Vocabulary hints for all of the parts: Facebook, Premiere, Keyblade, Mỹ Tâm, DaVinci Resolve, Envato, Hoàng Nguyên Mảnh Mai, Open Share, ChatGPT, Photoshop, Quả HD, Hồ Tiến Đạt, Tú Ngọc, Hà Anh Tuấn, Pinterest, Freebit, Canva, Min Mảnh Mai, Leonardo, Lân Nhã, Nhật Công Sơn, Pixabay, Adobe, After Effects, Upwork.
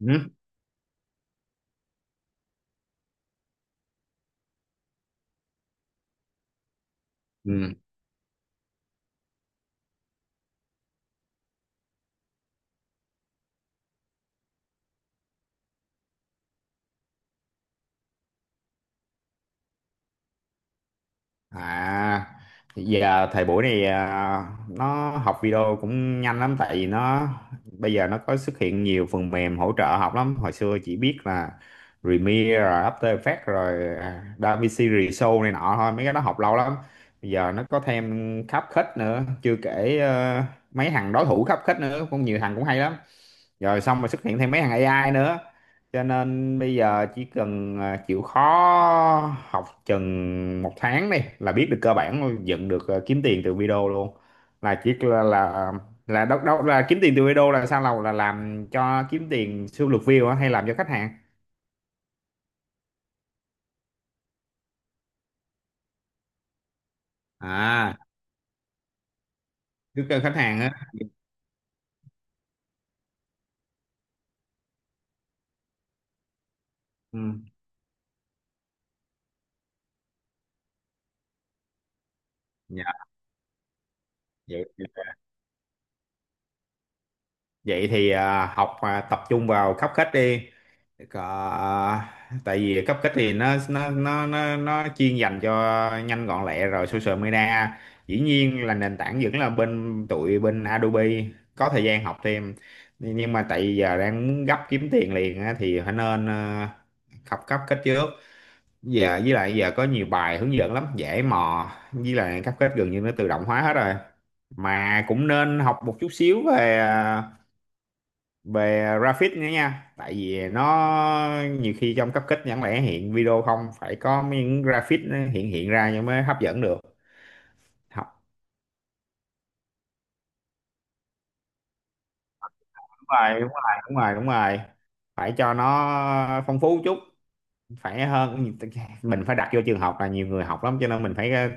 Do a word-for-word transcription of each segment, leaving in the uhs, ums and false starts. Ừ. Ừ. À, giờ thời buổi này à, nó học video cũng nhanh lắm, tại vì nó bây giờ nó có xuất hiện nhiều phần mềm hỗ trợ học lắm. Hồi xưa chỉ biết là Premiere rồi After Effects rồi à, DaVinci Resolve này nọ thôi, mấy cái đó học lâu lắm. Bây giờ nó có thêm khắp khách nữa, chưa kể ờ, mấy thằng đối thủ khắp khách nữa cũng nhiều thằng cũng hay lắm. Rồi xong rồi xuất hiện thêm mấy thằng a i nữa, cho nên bây giờ chỉ cần à, chịu khó học chừng một tháng đi là biết được cơ bản luôn, dựng được, à, kiếm tiền từ video luôn. Là chỉ là là là đâu đâu là kiếm tiền từ video là sao, là là làm cho kiếm tiền siêu lượt view á hay làm cho khách hàng. À, cứ kêu khách hàng á. Ừ. Dạ. Vậy, vậy thì à, học, à, tập trung vào khắp khách đi. Có, tại vì cấp kích thì nó nó nó nó nó chuyên dành cho nhanh gọn lẹ, rồi social media, dĩ nhiên là nền tảng vẫn là bên tụi bên Adobe, có thời gian học thêm. Nhưng mà tại giờ đang muốn gấp kiếm tiền liền á, thì phải nên ờ, học cấp kích trước. Giờ với lại giờ có nhiều bài hướng dẫn lắm, dễ mò, với lại cấp kích gần như nó tự động hóa hết rồi. Mà cũng nên học một chút xíu về ờ, về graphic nữa nha, tại vì nó nhiều khi trong cấp kích chẳng lẽ hiện video không, phải có những graphic nó hiện hiện ra nhưng mới hấp dẫn được. Học. Đúng rồi, đúng rồi, đúng rồi, đúng rồi. Phải cho nó phong phú chút, phải hơn. Mình phải đặt vô trường học là nhiều người học lắm, cho nên mình phải ờ,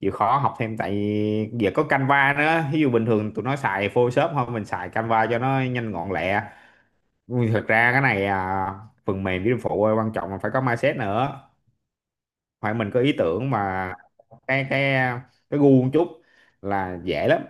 chịu khó học thêm, tại vì giờ có Canva nữa. Ví dụ bình thường tụi nó xài Photoshop thôi, mình xài Canva cho nó nhanh gọn lẹ. Thực ra cái này à, phần mềm với phụ, quan trọng là phải có mindset nữa. Hoặc mình có ý tưởng mà cái cái cái gu một chút là dễ lắm.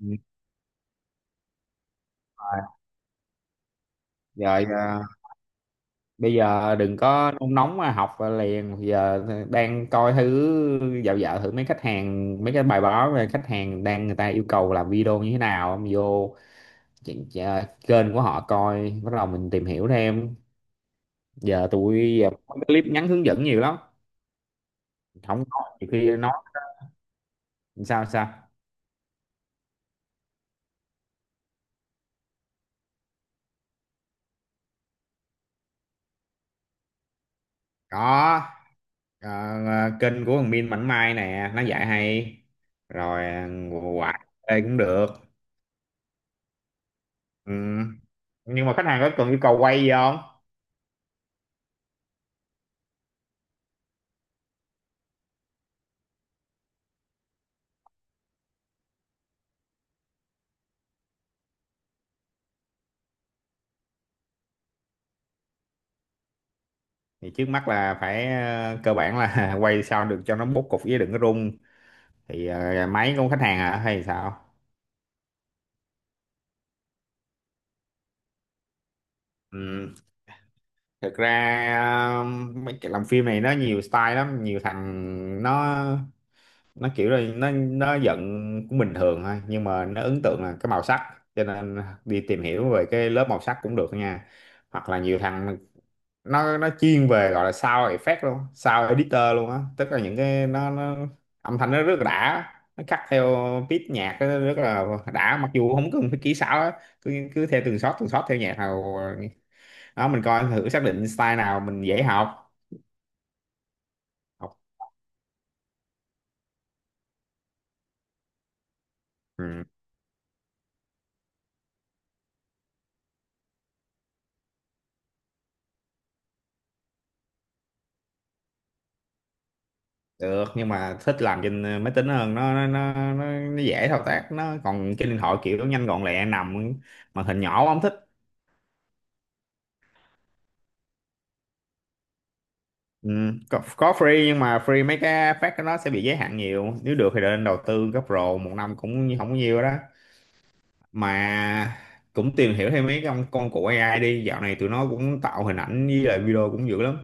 Ừ. Rồi à, bây giờ đừng có nôn nóng mà học liền. Bây giờ đang coi thử, dạo dạo thử mấy khách hàng, mấy cái bài báo về khách hàng đang, người ta yêu cầu làm video như thế nào. Em vô chị- chị- kênh của họ coi, bắt đầu mình tìm hiểu thêm. Giờ tụi giờ có cái clip ngắn hướng dẫn nhiều lắm, không có, nhiều khi nói sao sao. Có. Ờ, ờ, kênh của thằng Min Mảnh Mai nè, nó dạy hay. Rồi quạt đây cũng được. Ừ. Nhưng mà khách hàng có cần yêu cầu quay gì không? Thì trước mắt là phải ờ, cơ bản là quay sao được cho nó bố cục, với đừng có rung. Thì ờ, máy của khách hàng hả hay sao? Ừ. Thực ra ờ, mấy cái làm phim này nó nhiều style lắm. Nhiều thằng nó nó kiểu là nó nó giận cũng bình thường thôi, nhưng mà nó ấn tượng là cái màu sắc, cho nên đi tìm hiểu về cái lớp màu sắc cũng được nha. Hoặc là nhiều thằng nó nó chuyên về gọi là sound effect luôn, sound editor luôn á, tức là những cái nó, nó âm thanh nó rất là đã. Nó cắt theo beat nhạc nó rất là đã, mặc dù không cần phải kỹ xảo á. Cứ, cứ theo từng shot từng shot theo nhạc nào đó, mình coi thử xác định style nào mình dễ học. Học. Ừ. Được, nhưng mà thích làm trên ờ, máy tính hơn. Nó nó nó nó, nó dễ thao tác, nó còn trên điện thoại kiểu nó nhanh gọn lẹ, nằm màn hình nhỏ không thích. Ừ. có, có free nhưng mà free mấy cái phát của nó sẽ bị giới hạn nhiều. Nếu được thì nên đầu tư gấp pro một năm, cũng như- không có nhiều đó mà. Cũng tìm hiểu thêm mấy con con của a i đi, dạo này tụi nó cũng tạo hình ảnh với lại video cũng dữ lắm.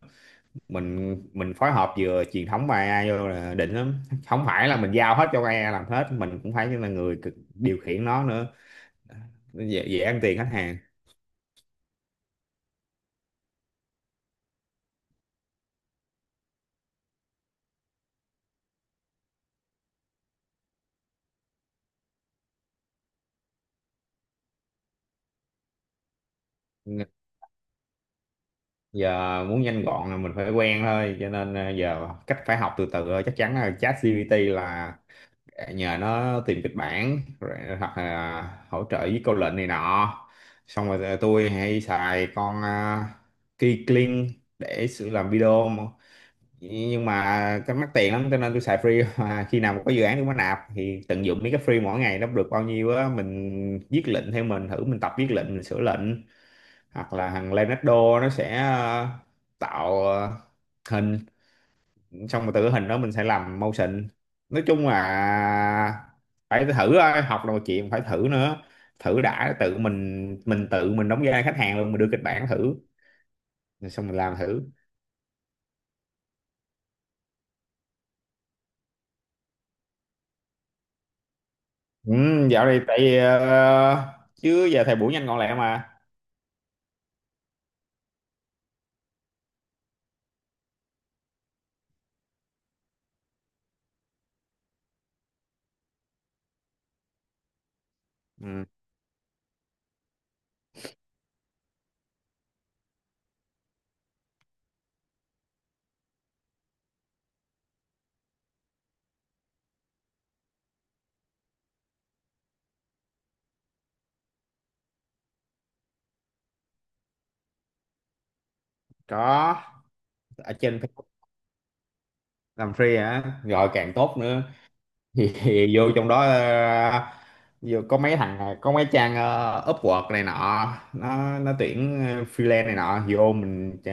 Mình mình phối hợp vừa truyền thống và a i vô là đỉnh lắm, không phải là mình giao hết cho a i làm hết, mình cũng phải là người cực- điều khiển nó nữa. Dễ, dễ ăn tiền khách hàng. Giờ muốn nhanh gọn là mình phải quen thôi, cho nên à, giờ cách phải học từ từ thôi. Chắc chắn là ChatGPT là à, nhờ nó tìm kịch bản rồi, ờ, hoặc là hỗ trợ với câu lệnh này nọ. Xong rồi ờ, tôi hay xài con à, Keyblade để sự làm video mà. Nhưng mà cái mắc tiền lắm cho nên tôi xài free mà khi nào mà có dự án tôi mới nạp, thì tận dụng mấy cái free mỗi ngày nó được bao nhiêu á, mình viết lệnh theo mình thử, mình tập viết lệnh, mình sửa lệnh. Hoặc là thằng Leonardo, nó sẽ ờ, tạo ờ, hình, xong rồi từ cái hình đó mình sẽ làm motion. Nói chung là phải thử thôi, học là một chuyện, phải thử nữa. Thử đã, tự mình mình tự mình đóng vai khách hàng luôn, mình đưa kịch bản thử, rồi xong mình làm thử. Ừ, dạo này tại vì, ờ, chứ giờ thời buổi nhanh gọn lẹ mà. Ừ, có. Ở trên Facebook làm free hả rồi càng tốt nữa. Thì, thì vô trong đó ờ, vô có mấy thằng có mấy trang ờ, Upwork này nọ, nó nó tuyển ờ, freelance này nọ. Vô mình ờ,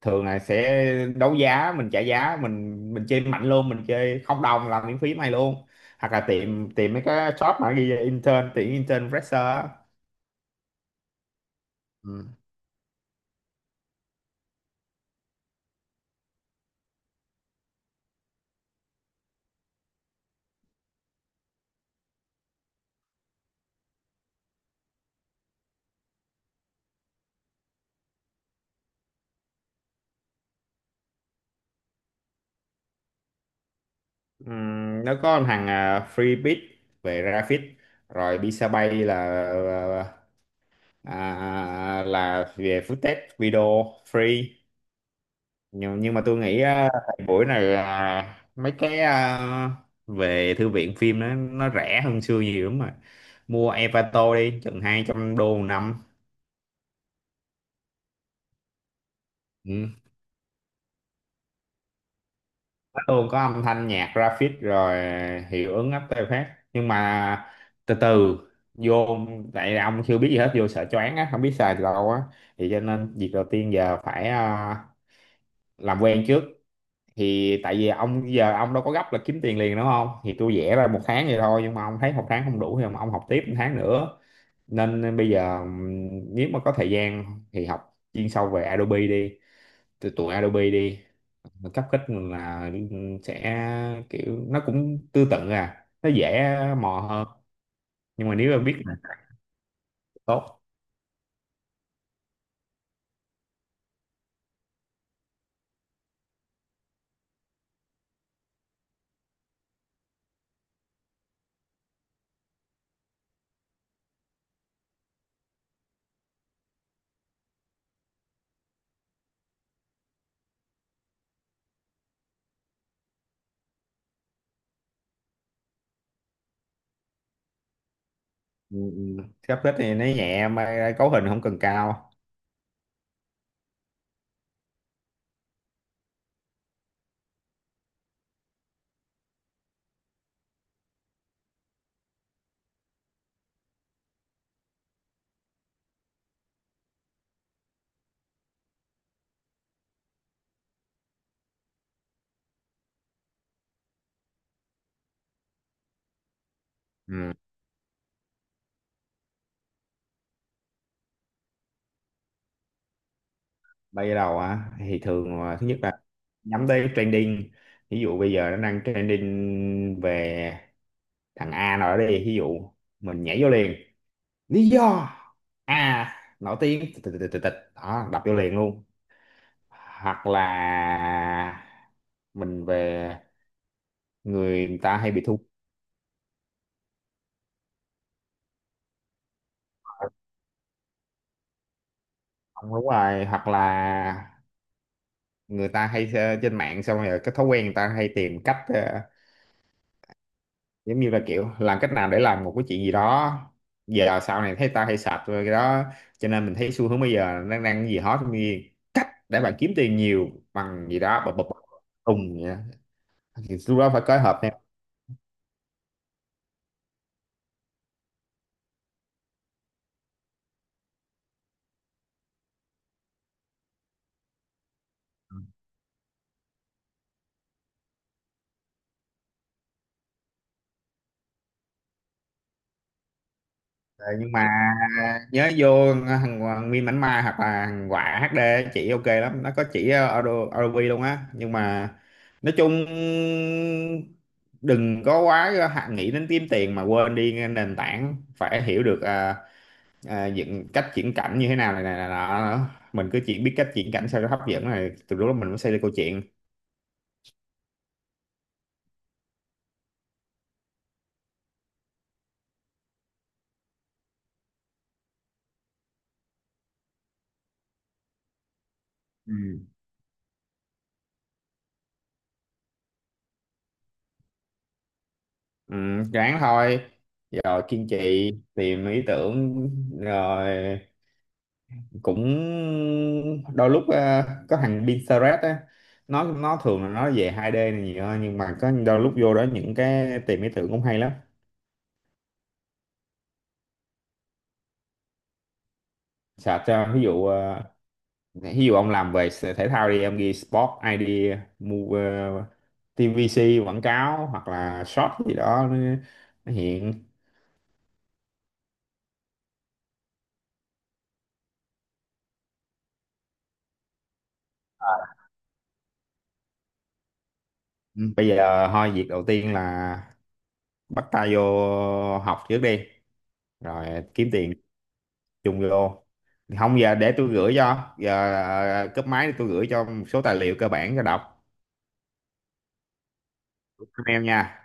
thường là sẽ đấu giá, mình trả giá, mình mình chơi mạnh luôn, mình chơi không đồng, làm miễn phí mày luôn. Hoặc là tìm tìm mấy cái shop mà ghi là intern, tuyển intern fresher á. Ừ. Ừm, nó có thằng uh, Freebit về graphic, rồi Pixabay là là ờ, à, là về footage video free. Nhưng, nhưng mà tôi nghĩ ờ, thời buổi này à, mấy cái à, về thư viện phim nó nó rẻ hơn xưa nhiều lắm mà. Mua Envato đi chừng hai trăm đô một năm. Ừ. Nó luôn có âm thanh, nhạc, graphic, rồi hiệu ứng after effect. Nhưng mà từ từ vô, tại ông chưa biết gì hết, vô sợ choáng á, không biết xài từ đâu á. Thì cho nên việc đầu tiên giờ phải à, làm quen trước. Thì tại vì ông giờ ông đâu có gấp là kiếm tiền liền đúng không, thì tôi vẽ ra một tháng vậy thôi, nhưng mà ông thấy một tháng không đủ thì ông học tiếp một tháng nữa. Nên bây giờ ừm, nếu mà có thời gian thì học chuyên sâu về Adobe đi, từ tụi Adobe đi. Cấp kích là sẽ kiểu nó cũng tương tự, à nó dễ mò hơn. Nhưng mà nếu mà biết là tốt. Ừ, ừ. Cấp kích thì nó nhẹ mà cấu hình không cần cao. Ừ. Bây giờ đầu á thì thường là thứ nhất là nhắm tới trending. Ví dụ bây giờ nó đang trending về thằng A nào đó đi, ví dụ mình nhảy vô liền, lý do A nổi tiếng tịch tịch tịch tịch tịch. Đó, đập vô liền luôn. Hoặc là mình về người ta hay bị thu. Không, đúng rồi, hoặc là người ta hay ờ, trên mạng, xong rồi cái thói quen người ta hay tìm cách ờ, giống như là kiểu làm cách nào để làm một cái chuyện gì đó. Giờ sau này thấy tao hay sạch rồi cái đó, cho nên mình thấy xu hướng bây giờ nó đang cái gì hot, giống như cách để bạn kiếm tiền nhiều bằng gì đó, bập bập bập, tùng vậy đó. Thì lúc đó phải phối hợp theo. Ờ, nhưng mà nhớ vô thằng Hoàng Nguyên Mảnh Mai hoặc là thằng Quả ếch đi chỉ ok lắm, nó có chỉ audio a ô vi luôn á. Nhưng mà nói chung đừng có quá hạn nghĩ đến kiếm tiền mà quên đi nền tảng, phải hiểu được à, à, dựng, cách chuyển cảnh như thế nào này này này nọ nữa. Mình cứ chỉ biết cách chuyển cảnh sao cho hấp dẫn này, từ lúc đó mình mới xây ra câu chuyện. Ừ. Ừ, ráng thôi. Rồi kiên trì tìm ý tưởng, rồi cũng đôi lúc ờ, có thằng Pinterest á, nó nó thường là nó về hai d này nhiều hơn, nhưng mà có đôi lúc vô đó những cái tìm ý tưởng cũng hay lắm. Search cho ví dụ ờ, ví dụ ông làm về thể thao đi em ghi Sport ai đi Move uh, tê vê xê quảng cáo hoặc là short gì đó, nó, nó hiện. Ừ. Bây giờ thôi việc đầu tiên là bắt tay vô học trước đi, rồi kiếm tiền chung vô. Không giờ để tôi gửi cho giờ ờ, cúp máy tôi gửi cho một số tài liệu cơ bản cho đọc. Cảm ơn em nha.